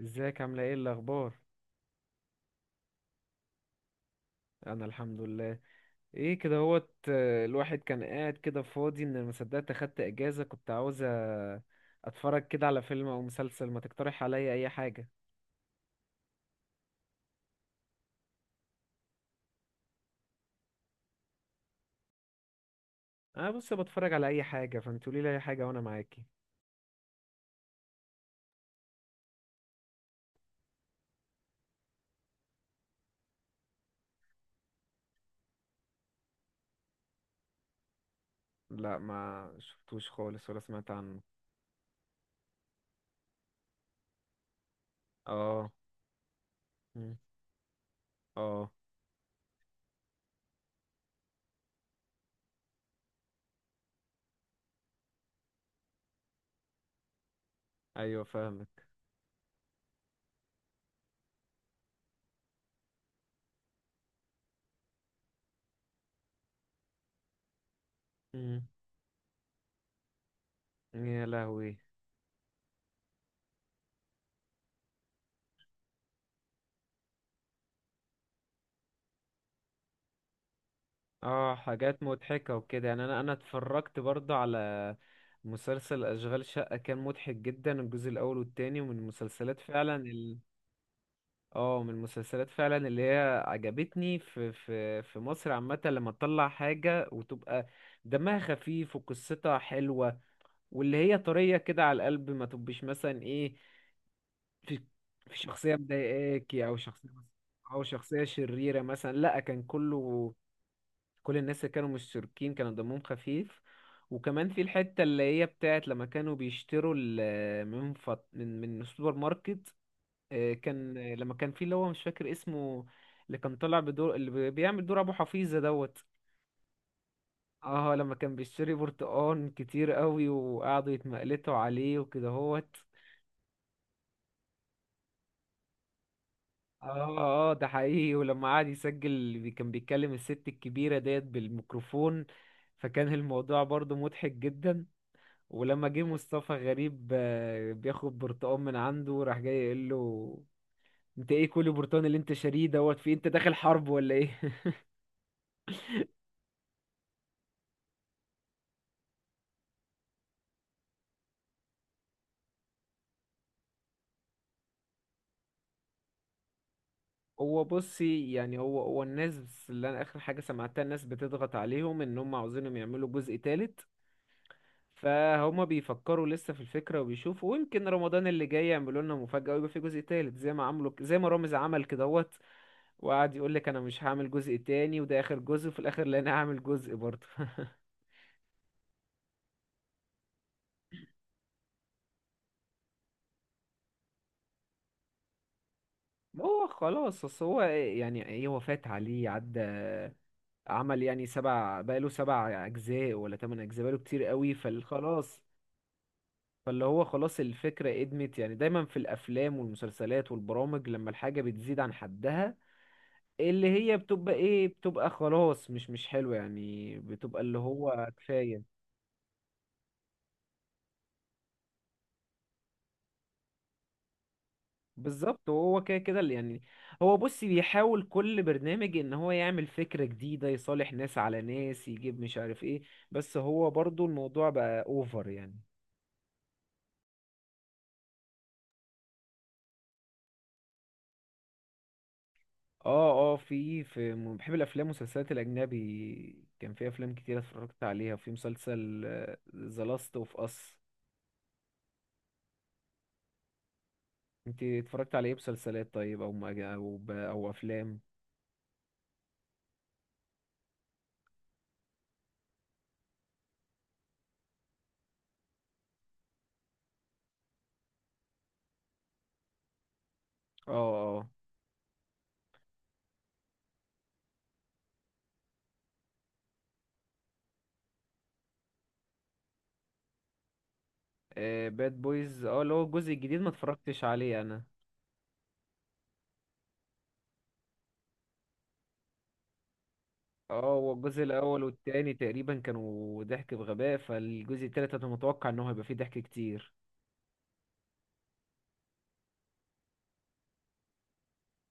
ازيك عاملة ايه الأخبار؟ أنا الحمد لله. ايه كده هوت الواحد كان قاعد كده فاضي ان ما صدقت اخدت اجازة كنت عاوز اتفرج كده على فيلم او مسلسل، ما تقترح عليا اي حاجة؟ انا بص بتفرج على اي حاجة، فانت قولي لي اي حاجة وانا معاكي. لا ما شفتوش خالص ولا سمعت عنه. اه. مم، اه. ايوه فاهمك. مم، يا لهوي. اه حاجات مضحكة وكده، يعني انا اتفرجت برضه على مسلسل اشغال شقة، كان مضحك جدا الجزء الاول والتاني، ومن المسلسلات فعلا ال... اه من المسلسلات فعلا اللي هي عجبتني في مصر عامة، لما تطلع حاجة وتبقى دمها خفيف وقصتها حلوة واللي هي طرية كده على القلب، ما تبقش مثلا ايه، في في شخصية مضايقاكي او شخصية او شخصية شريرة مثلا، لا كان كله كل الناس اللي كانوا مشتركين كانوا دمهم خفيف. وكمان في الحتة اللي هي بتاعت لما كانوا بيشتروا ال- من فط... من السوبر ماركت. كان لما كان في اللي هو مش فاكر اسمه، اللي كان طالع بدور اللي بي- بيعمل دور ابو حفيظة دوت. اه لما كان بيشتري برتقان كتير قوي وقعدوا يتمقلتوا عليه وكده هوت. اه ده حقيقي، ولما قعد يسجل بي- كان بيتكلم الست الكبيرة ديت بالميكروفون، فكان الموضوع برضو مضحك جدا. ولما جه مصطفى غريب بياخد برتقال من عنده، راح جاي يقول له انت ايه كل برتقال اللي انت شاريه دوت في إيه؟ انت داخل حرب ولا ايه؟ هو بصي، يعني هو الناس اللي انا اخر حاجه سمعتها، الناس بتضغط عليهم ان هم عاوزينهم يعملوا جزء تالت، فهما بيفكروا لسه في الفكره وبيشوفوا، ويمكن رمضان اللي جاي يعملوا لنا مفاجاه ويبقى في جزء تالت زي ما عملوا، زي ما رامز عمل كدهوت وقعد يقول لك انا مش هعمل جزء تاني وده اخر جزء، وفي الاخر لا انا هعمل جزء برضه. هو خلاص اصل هو يعني ايه، هو فات عليه عدى، عمل يعني سبع، بقاله سبع اجزاء ولا تمن اجزاء، بقاله كتير قوي فخلاص. فاللي هو خلاص الفكرة ادمت، يعني دايما في الافلام والمسلسلات والبرامج لما الحاجة بتزيد عن حدها، اللي هي بتبقى ايه، بتبقى خلاص مش حلوة، يعني بتبقى اللي هو كفاية. بالظبط، وهو كده كده اللي يعني، هو بص بيحاول كل برنامج ان هو يعمل فكرة جديدة، يصالح ناس على ناس، يجيب مش عارف ايه، بس هو برضو الموضوع بقى اوفر يعني. اه في م- بحب الافلام والمسلسلات الاجنبي، كان في افلام كتير اتفرجت عليها، في مسلسل ذا لاست اوف اس. انت اتفرجت على ايه مسلسلات طيب، او مج- او ب- او افلام؟ اه اه باد بويز، اه اللي هو الجزء الجديد ما اتفرجتش عليه انا. اه هو الجزء الاول والتاني تقريبا كانوا ضحك بغباء، فالجزء التالت انا متوقع ان هو هيبقى فيه ضحك كتير.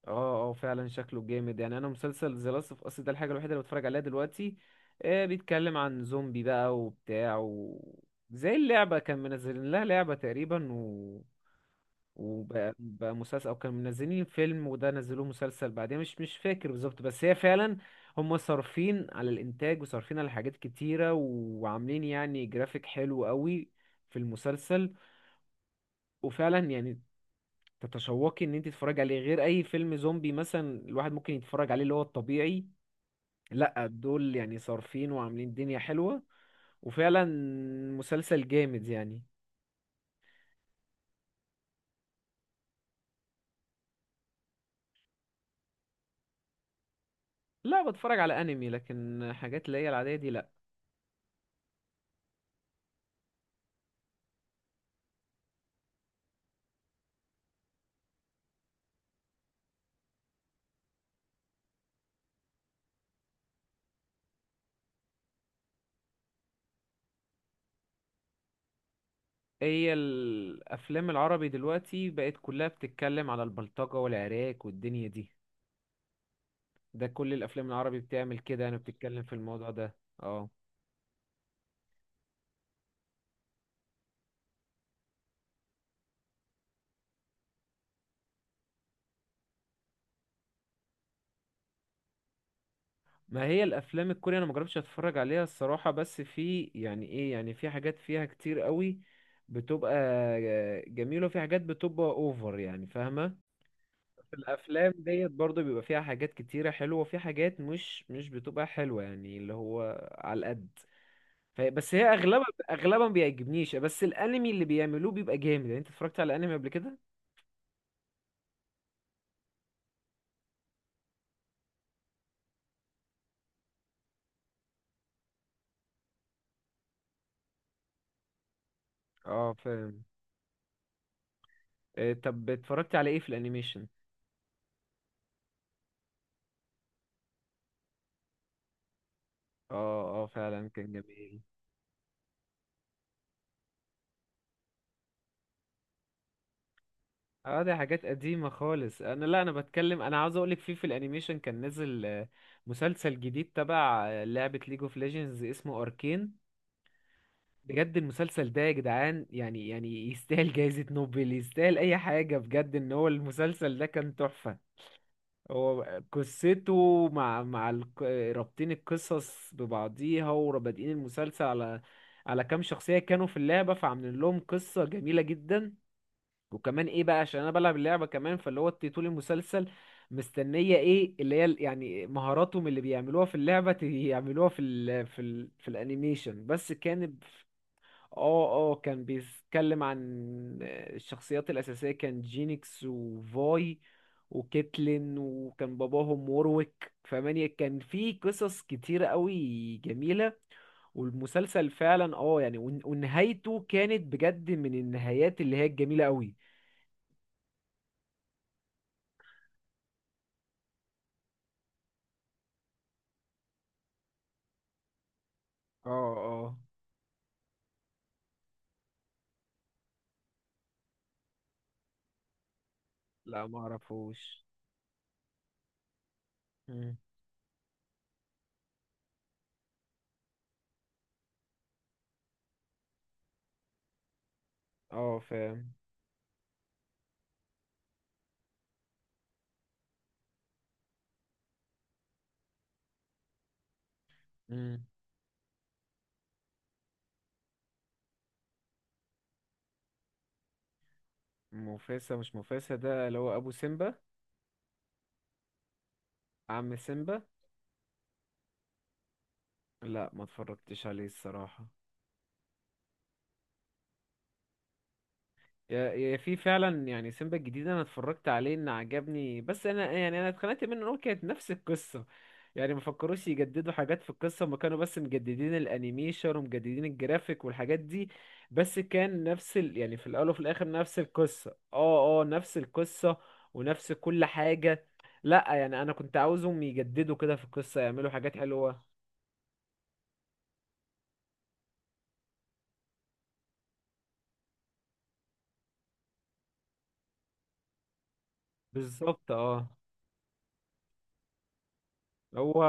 اه فعلا شكله جامد، يعني انا مسلسل ذا لاست اوف اس ده الحاجه الوحيده اللي بتفرج عليها دلوقتي. بيتكلم عن زومبي بقى وبتاع و... زي اللعبه كان منزلين لها لعبه تقريبا و... وبقى مسلسل، او كانوا منزلين فيلم وده نزلوه مسلسل بعدين، مش فاكر بالظبط، بس هي فعلا هم صارفين على الانتاج وصارفين على حاجات كتيره وعاملين يعني جرافيك حلو قوي في المسلسل. وفعلا يعني تتشوقي ان انت تتفرجي عليه، غير اي فيلم زومبي مثلا الواحد ممكن يتفرج عليه اللي هو الطبيعي. لا دول يعني صارفين وعاملين دنيا حلوة، وفعلا مسلسل جامد يعني. لا بتفرج على انمي، لكن حاجات اللي هي العادية دي لا. هي الافلام العربي دلوقتي بقت كلها بتتكلم على البلطجة والعراك والدنيا دي، ده كل الافلام العربي بتعمل كده، انا بتتكلم في الموضوع ده. اه. ما هي الافلام الكورية انا ما جربتش اتفرج عليها الصراحة، بس في يعني ايه، يعني في حاجات فيها كتير قوي بتبقى جميلة، وفي حاجات بتبقى اوفر، يعني فاهمة. في الافلام ديت برضو بيبقى فيها حاجات كتيرة حلوة، وفي حاجات مش بتبقى حلوة يعني، اللي هو على القد. ف- بس هي اغلبها ما بيعجبنيش، بس الانمي اللي بيعملوه بيبقى جامد، يعني انت اتفرجت على انمي قبل كده؟ اه فاهم. إيه، طب اتفرجت على ايه في الانيميشن؟ اه فعلا كان جميل. اه دي حاجات قديمة خالص، انا لا انا بتكلم، انا عاوز اقولك في الانيميشن كان نزل مسلسل جديد تبع لعبة ليج اوف ليجندز اسمه اركين. بجد المسلسل ده يا جدعان، يعني يستاهل جائزة نوبل، يستاهل اي حاجة بجد، ان هو المسلسل ده كان تحفة. هو قصته مع الق- رابطين القصص ببعضيها، ورابطين المسلسل على على كام شخصية كانوا في اللعبة، فعاملين لهم قصة جميلة جدا. وكمان ايه بقى، عشان انا بلعب اللعبه كمان، فاللي هو طول المسلسل مستنيه ايه اللي هي ال- يعني مهاراتهم اللي بيعملوها في اللعبه، ت- يعملوها في ال في ال في الانيميشن، بس كان ب- اه كان بيتكلم عن الشخصيات الاساسيه، كان جينيكس وفاي وكيتلين، وكان باباهم وورويك، فمانيا كان في قصص كتيره قوي جميله، والمسلسل فعلا اه يعني ون- ونهايته كانت بجد من النهايات اللي هي الجميله قوي. اه لا ما اعرفوش. مم. اه فاهم. مم. مفاسة، مش مفاسة ده اللي هو ابو سيمبا. عم سيمبا. لا ما اتفرجتش عليه الصراحة. يا يا في فعلا يعني سيمبا الجديد انا اتفرجت عليه ان عجبني، بس انا يعني انا اتخنقت منه ان هو كانت نفس القصه، يعني ما فكروش يجددوا حاجات في القصه، ما كانوا بس مجددين الانيميشن ومجددين الجرافيك والحاجات دي، بس كان نفس ال... يعني في الاول وفي الاخر نفس القصه، اه نفس القصه ونفس كل حاجه. لا يعني انا كنت عاوزهم يجددوا كده في القصه، يعملوا حاجات حلوه. بالظبط اه. هو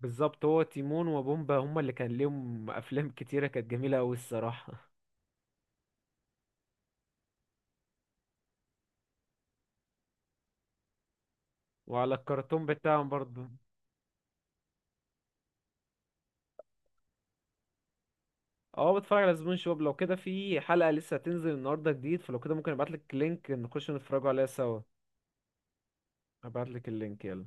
بالظبط هو تيمون وبومبا هما اللي كان ليهم افلام كتيره كانت جميله قوي الصراحه. وعلى الكرتون بتاعهم برضه. اه بتفرج على زبون شباب. لو كده في حلقه لسه هتنزل النهارده جديد، فلو كده ممكن ابعت لك لينك نخش نتفرجوا عليها سوا. ابعت لك اللينك يلا.